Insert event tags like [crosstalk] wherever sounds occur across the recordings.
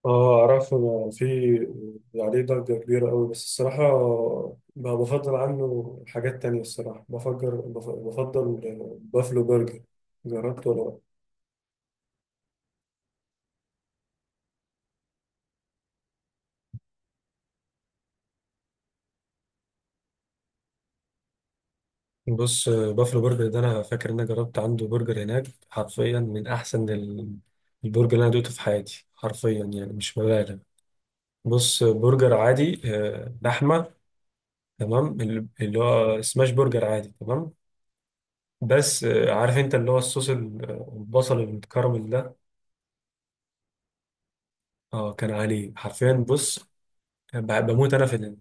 اه، اعرفه. أنا في عليه ضجة كبيرة قوي، بس الصراحة ما بفضل عنه. حاجات تانية الصراحة بفضل بافلو برجر. جربته ولا لأ؟ بص بافلو برجر ده انا فاكر ان انا جربت عنده برجر هناك، حرفيا من احسن البرجر اللي انا دوقته في حياتي، حرفيا يعني مش ببالغ. بص برجر عادي، لحمه، تمام، اللي هو سماش برجر عادي، تمام. بس عارف انت اللي هو الصوص، البصل المتكرمل ده. اه كان عليه حرفيا. بص كان بموت انا في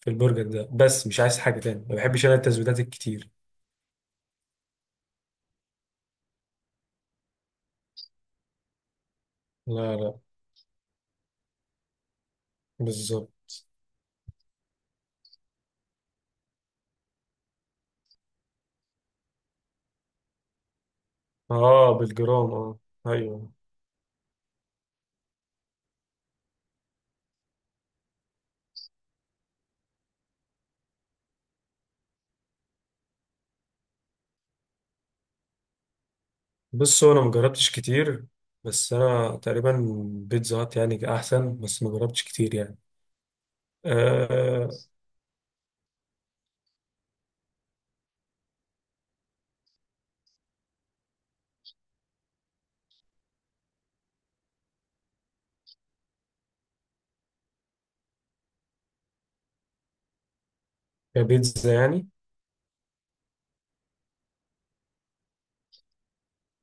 في البرجر ده، بس مش عايز حاجه تاني، ما بحبش انا التزويدات الكتير. لا لا. بالظبط. اه، بالجرام، اه. ايوه. بص هو انا مجربتش كتير، بس انا تقريبا بيتزا هات يعني احسن، بس مجربتش كتير يعني. آه، كبيتزا يعني.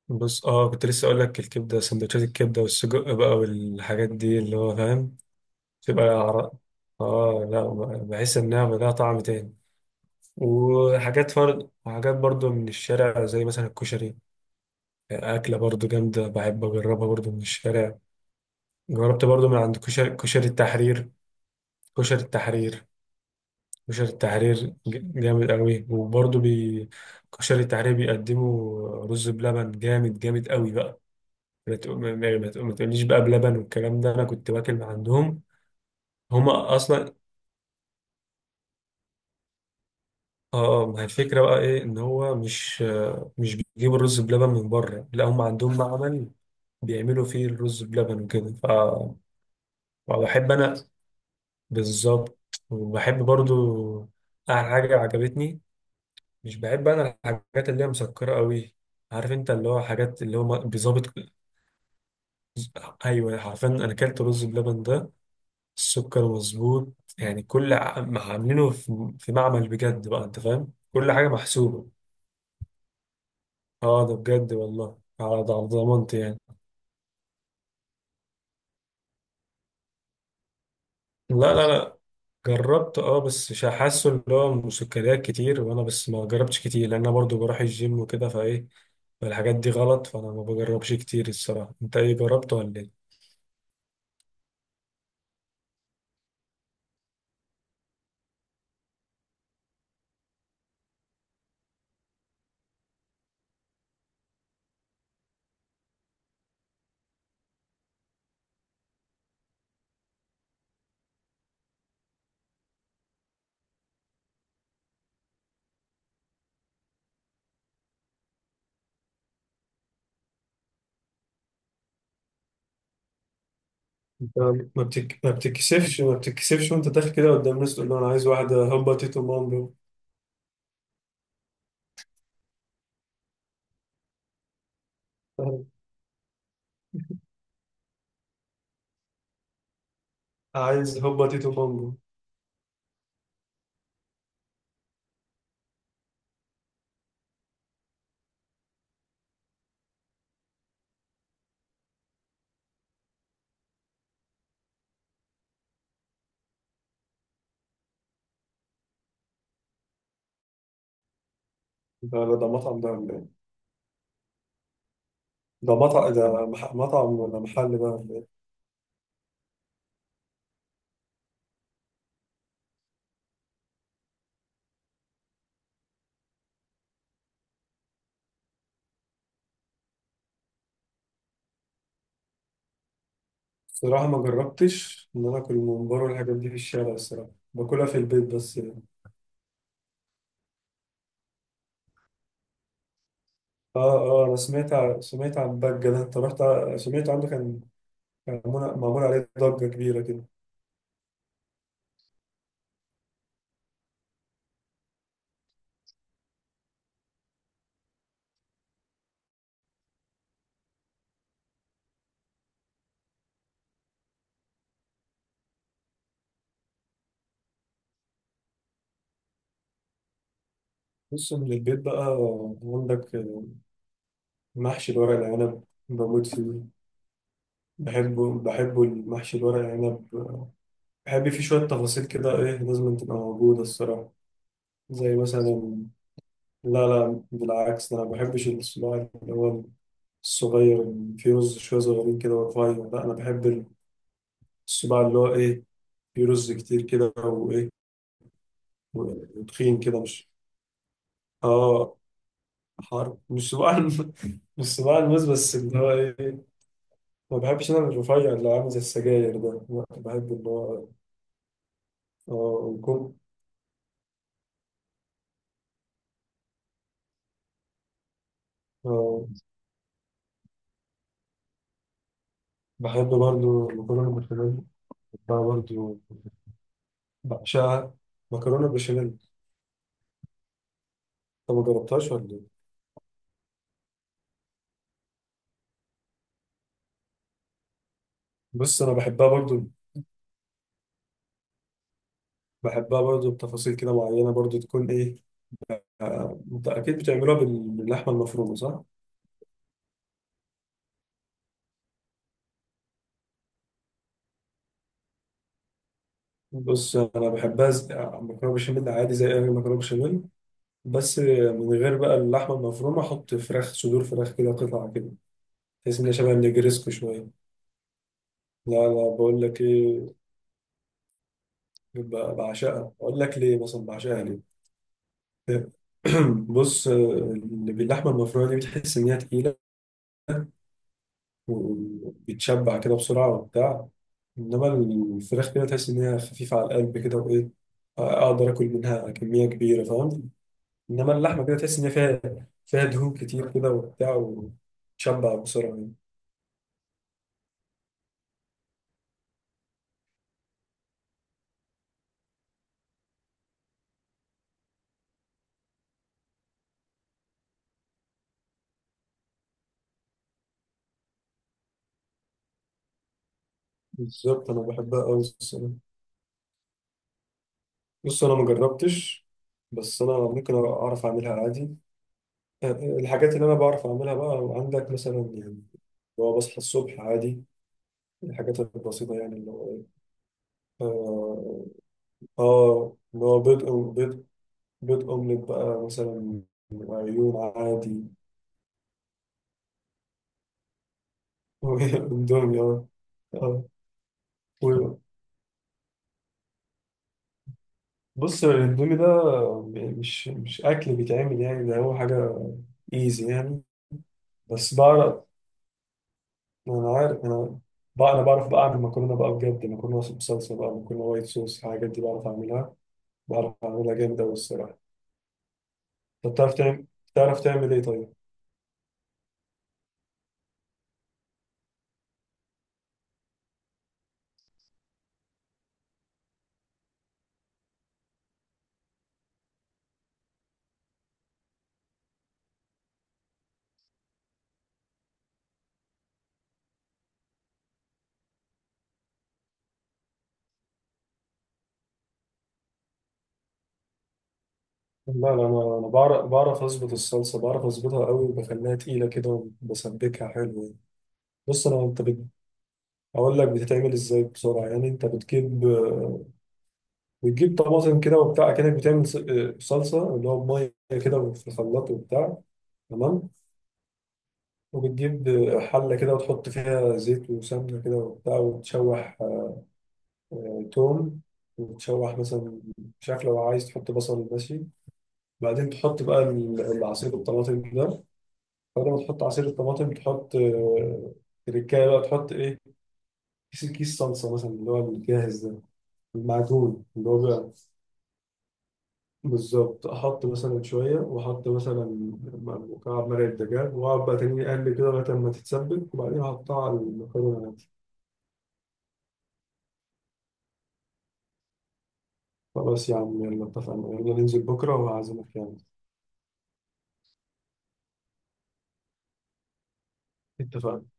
بص اه، كنت لسه اقول لك الكبده، سندوتشات الكبده والسجق بقى والحاجات دي اللي هو فاهم. تبقى عر- اه لا، بحس انها لها طعم تاني. وحاجات فرد، وحاجات برضو من الشارع، زي مثلا الكشري. أكلة برضو جامدة، بحب أجربها برضو من الشارع. جربت برضو من عند كشري التحرير. كشري التحرير. كشري التحرير. جامد قوي، وبرضو بي كشري التحرير بيقدموا رز بلبن جامد جامد قوي بقى. ما تق- ما- ما- ما تق- ما تقوليش بقى بلبن والكلام ده، أنا كنت باكل من عندهم. هما أصلا اه، ما هي الفكرة بقى ايه، ان هو مش مش بيجيبوا الرز بلبن من بره، لا هم عندهم معمل بيعملوا فيه الرز بلبن وكده، فبحب انا. بالظبط. وبحب برضو اعمل حاجه عجبتني. مش بحب انا الحاجات اللي هي مسكره قوي. عارف انت اللي هو حاجات اللي هو بيظبط. ايوه، حرفيا انا اكلت رز بلبن ده، السكر مظبوط يعني. كل ما عاملينه في معمل بجد بقى، انت فاهم، كل حاجه محسوبه. اه ده بجد، والله على ده على ضمانتي يعني. لا لا لا. جربت بس مش حاسه اللي هو مسكريات كتير، وانا بس ما جربتش كتير، لان انا برضو بروح الجيم وكده فايه، فالحاجات دي غلط، فانا ما بجربش كتير الصراحه. انت ايه، جربت ولا ايه؟ انت ما بتكسفش وانت داخل كده قدام الناس تقول له انا عايز واحده هوبا تيتو مامبو. عايز هوبا تيتو مامبو. ده مطعم، ده ولا ايه؟ ده مطعم، ده مطعم ولا محل بقى ولا ايه؟ الصراحه ما جربتش ان انا اكل ممبار والحاجات دي في الشارع، الصراحه باكلها في البيت بس يعني. اه، اه، انا سمعت سمعت عن ضجة ده، انت رحت سمعت عنه، كان معمول عليه ضجة كبيرة كده. بص من البيت بقى، عندك محشي الورق العنب، بموت فيه. بحبه المحشي الورق العنب. بحب فيه شوية تفاصيل كده، ايه لازم تبقى موجودة الصراحة. زي مثلا، لا لا، بالعكس ده انا ما بحبش الصباع اللي هو الصغير، اللي فيه رز شوية صغيرين كده ورفيع. لا انا بحب الصباع اللي هو ايه، فيه رز كتير كده، وايه، وتخين كده، مش اه، حرب، مش صباع [laughs] مش صباع الموز، بس اللي هو ايه، ما بحبش انا الرفيع اللي عامل زي السجاير ده. لا بحب اللي هو اه يكون اه بحب برضو المكرونه بالبشاميل، بحبها برضو، بعشقها. مكرونه بالبشاميل. انت ما جربتهاش ولا ايه؟ بص انا بحبها برضو، بتفاصيل كده معينه برضو، تكون ايه، انت اكيد بتعملوها باللحمه المفرومه، صح؟ بص انا بحبها مكرونه بشاميل عادي، زي اي مكرونه بشاميل، بس من غير بقى اللحمة المفرومة، أحط فراخ، صدور فراخ كده، قطع كده، بحيث إنها شبه النجرسكو شوية. لا لا. بقول لك إيه، بعشقها. أقول لك ليه مثلا، بعشقها ليه. [clears throat] بص، اللي باللحمة المفرومة دي بتحس إنها تقيلة، وبتشبع كده بسرعة وبتاع، إنما الفراخ كده تحس إنها خفيفة على القلب كده، وإيه، أقدر آكل منها كمية كبيرة، فاهم. إنما اللحمة كده تحس إن هي فيها، فيها دهون كتير كده وبتاع، وتشبع بسرعة. بالظبط، انا بحبها قوي الصراحه. بص انا ما جربتش، بس انا ممكن اعرف اعملها عادي. الحاجات اللي انا بعرف اعملها بقى عندك مثلا، يعني لو بصحى الصبح عادي، الحاجات البسيطه، يعني اللي هو إيه، اه اللي هو بيض، اومليت بقى مثلا، وعيون عادي. [laughs] اندومي، آه. و- بص الاندومي ده مش اكل بيتعمل يعني، ده هو حاجه ايزي يعني. بس بعرف، انا عارف انا بقى. انا بعرف بقى اعمل مكرونه بقى بجد، مكرونه بصلصه بقى، مكرونه وايت صوص، الحاجات دي بعرف اعملها، بعرف اعملها جامده قوي الصراحه. طب بتعرف تعمل ايه طيب؟ لا لا، انا بعرف اظبط الصلصه، بعرف اظبطها قوي، وبخليها تقيله كده، وبسبكها حلو يعني. بص انا، اقول لك بتتعمل ازاي بسرعه يعني. انت بتجيب طماطم كده وبتاع كده، بتعمل صلصه اللي هو بميه كده في الخلاط وبتاع، تمام. وبتجيب حلة كده، وتحط فيها زيت وسمنة كده وبتاع، وتشوح توم وتشوح مثلا، مش عارف، لو عايز تحط بصل ماشي. بعدين تحط بقى العصير الطماطم ده. بعد ما تحط عصير الطماطم، تحط تركاية بقى، تحط ايه، كيس صلصة مثلا اللي هو الجاهز ده، المعجون اللي هو بقى. بالظبط، أحط مثلا شوية، وأحط مثلا مكعب مرق الدجاج، وأقعد بقى تاني أقلب كده لغاية ما تتسبك، وبعدين أحطها على المكرونة. خلاص يا عم، يلا اتفقنا، يلا ننزل بكرة وهعزمك يعني. اتفقنا.